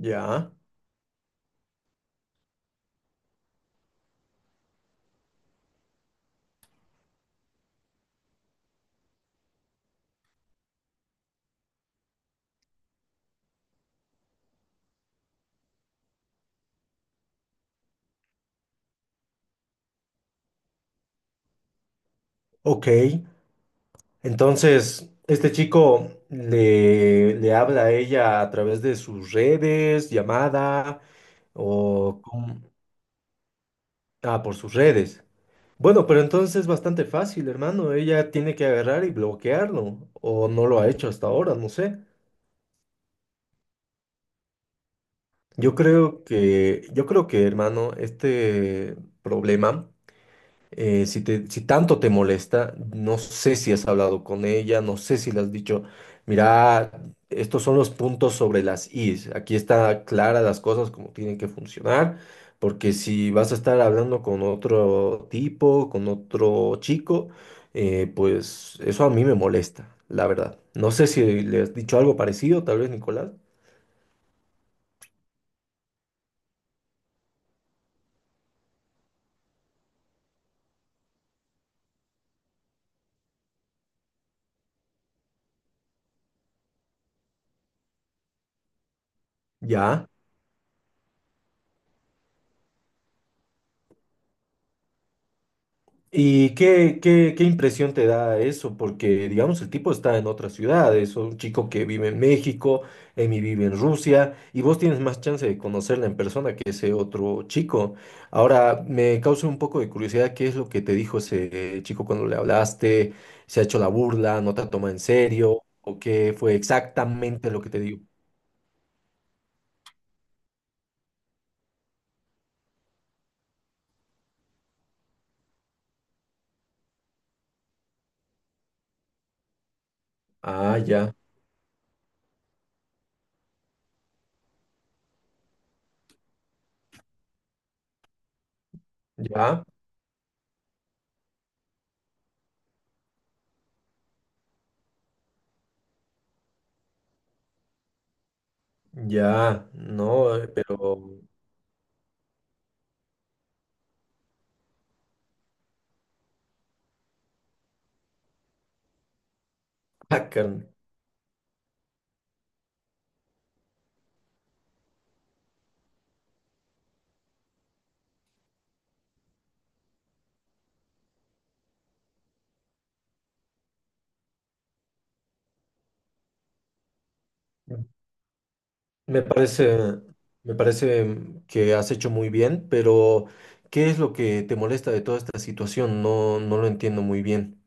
Ya, ok. Entonces, este chico le, le habla a ella a través de sus redes, llamada o... cómo... Ah, por sus redes. Bueno, pero entonces es bastante fácil, hermano. Ella tiene que agarrar y bloquearlo. O no lo ha hecho hasta ahora, no sé. Yo creo que, hermano, este problema, si tanto te molesta, no sé si has hablado con ella, no sé si le has dicho, mira, estos son los puntos sobre las is, aquí está clara las cosas como tienen que funcionar, porque si vas a estar hablando con otro tipo, con otro chico, pues eso a mí me molesta, la verdad. No sé si le has dicho algo parecido, tal vez, Nicolás. Ya. ¿Y qué, qué impresión te da eso? Porque, digamos, el tipo está en otras ciudades, o un chico que vive en México, Emi vive en Rusia, y vos tienes más chance de conocerla en persona que ese otro chico. Ahora, me causa un poco de curiosidad, ¿qué es lo que te dijo ese chico cuando le hablaste? ¿Se ha hecho la burla? ¿No te toma en serio? ¿O qué fue exactamente lo que te dijo? Ah, ya, ya, ya, no, pero... Ah, carne. Me parece, me parece que has hecho muy bien, pero ¿qué es lo que te molesta de toda esta situación? No, no lo entiendo muy bien.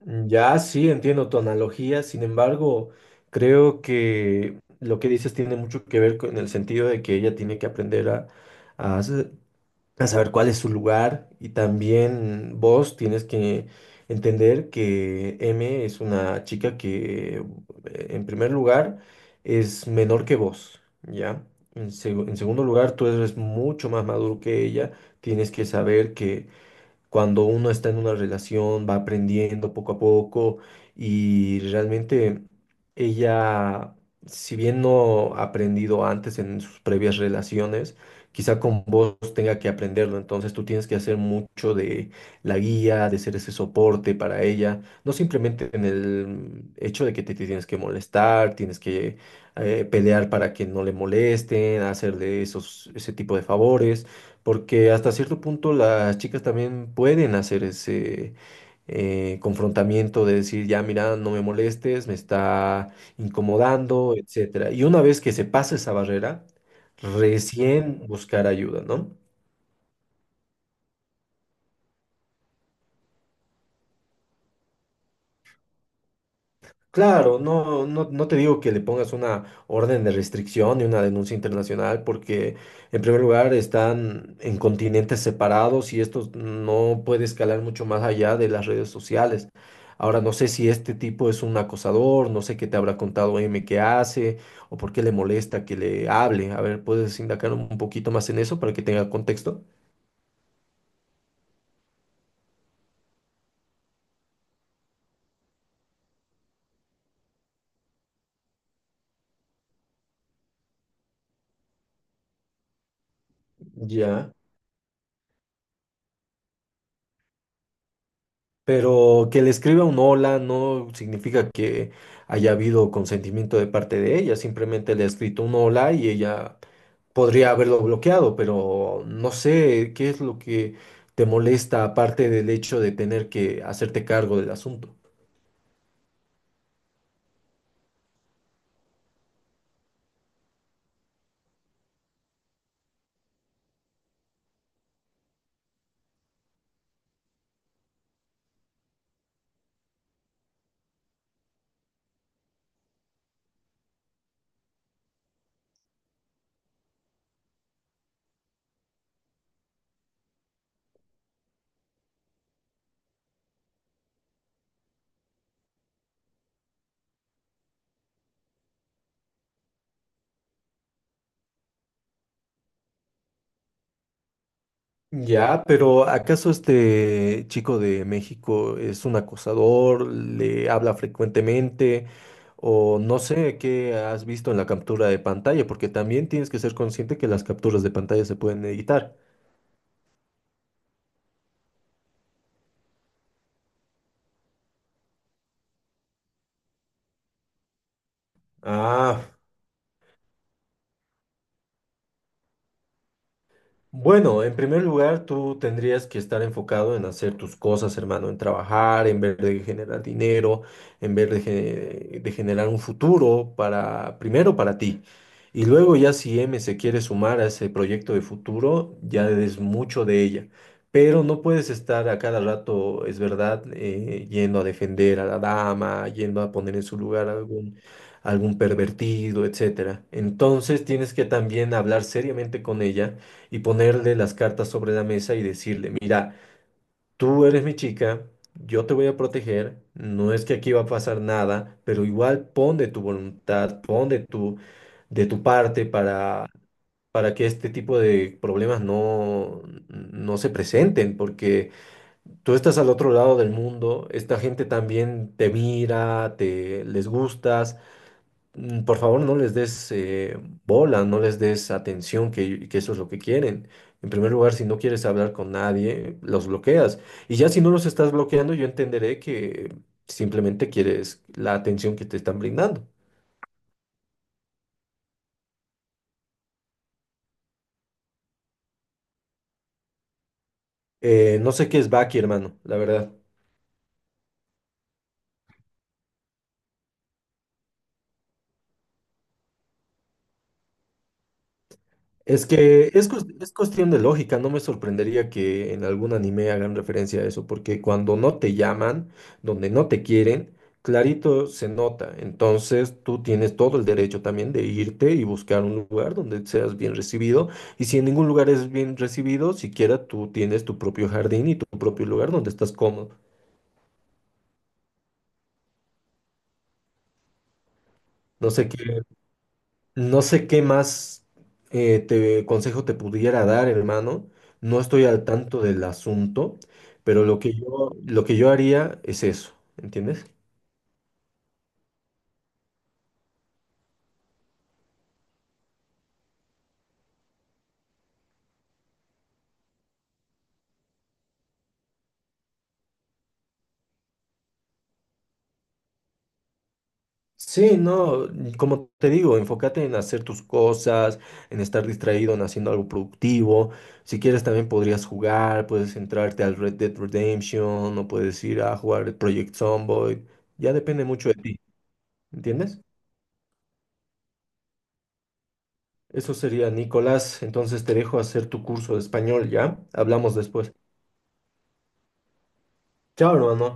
Mm, ya sí, entiendo tu analogía, sin embargo, creo que lo que dices tiene mucho que ver con el sentido de que ella tiene que aprender a, a hacer- a saber cuál es su lugar, y también vos tienes que entender que M es una chica que en primer lugar es menor que vos, ¿ya? En, en segundo lugar, tú eres mucho más maduro que ella, tienes que saber que cuando uno está en una relación, va aprendiendo poco a poco, y realmente ella, si bien no ha aprendido antes en sus previas relaciones, quizá con vos tenga que aprenderlo. Entonces tú tienes que hacer mucho de la guía, de ser ese soporte para ella, no simplemente en el hecho de que te tienes que molestar, tienes que pelear para que no le molesten, hacerle ese tipo de favores, porque hasta cierto punto las chicas también pueden hacer ese confrontamiento de decir, ya mira, no me molestes, me está incomodando, etcétera. Y una vez que se pasa esa barrera, recién buscar ayuda, ¿no? Claro, no, no, no te digo que le pongas una orden de restricción y una denuncia internacional, porque en primer lugar están en continentes separados y esto no puede escalar mucho más allá de las redes sociales. Ahora no sé si este tipo es un acosador, no sé qué te habrá contado M que hace o por qué le molesta que le hable. A ver, ¿puedes indagar un poquito más en eso para que tenga contexto? Ya. Pero que le escriba un hola no significa que haya habido consentimiento de parte de ella, simplemente le ha escrito un hola y ella podría haberlo bloqueado, pero no sé qué es lo que te molesta aparte del hecho de tener que hacerte cargo del asunto. Ya, pero ¿acaso este chico de México es un acosador? ¿Le habla frecuentemente? O no sé qué has visto en la captura de pantalla, porque también tienes que ser consciente que las capturas de pantalla se pueden editar. Ah. Bueno, en primer lugar, tú tendrías que estar enfocado en hacer tus cosas, hermano, en trabajar, en ver de generar dinero, en ver de generar un futuro para, primero para ti. Y luego ya si M se quiere sumar a ese proyecto de futuro, ya es mucho de ella. Pero no puedes estar a cada rato, es verdad, yendo a defender a la dama, yendo a poner en su lugar a algún pervertido, etcétera. Entonces tienes que también hablar seriamente con ella y ponerle las cartas sobre la mesa y decirle, mira, tú eres mi chica, yo te voy a proteger, no es que aquí va a pasar nada, pero igual pon de tu voluntad, pon de de tu parte para que este tipo de problemas no, no se presenten, porque tú estás al otro lado del mundo, esta gente también te mira, te les gustas. Mm, por favor, no les des bola, no les des atención, que eso es lo que quieren. En primer lugar, si no quieres hablar con nadie, los bloqueas. Y ya si no los estás bloqueando, yo entenderé que simplemente quieres la atención que te están brindando. No sé qué es Baki, hermano, la verdad. Es que es, es cuestión de lógica, no me sorprendería que en algún anime hagan referencia a eso, porque cuando no te llaman, donde no te quieren, clarito se nota. Entonces tú tienes todo el derecho también de irte y buscar un lugar donde seas bien recibido. Y si en ningún lugar es bien recibido, siquiera tú tienes tu propio jardín y tu propio lugar donde estás cómodo. No sé qué No sé qué más, consejo te pudiera dar, hermano. No estoy al tanto del asunto, pero lo que yo haría es eso, ¿entiendes? Sí, no, como te digo, enfócate en hacer tus cosas, en estar distraído, en haciendo algo productivo. Si quieres también podrías jugar, puedes entrarte al Red Dead Redemption o puedes ir a jugar el Project Zomboid. Ya depende mucho de ti, ¿entiendes? Eso sería, Nicolás. Entonces te dejo hacer tu curso de español, ¿ya? Hablamos después. Chao, hermano.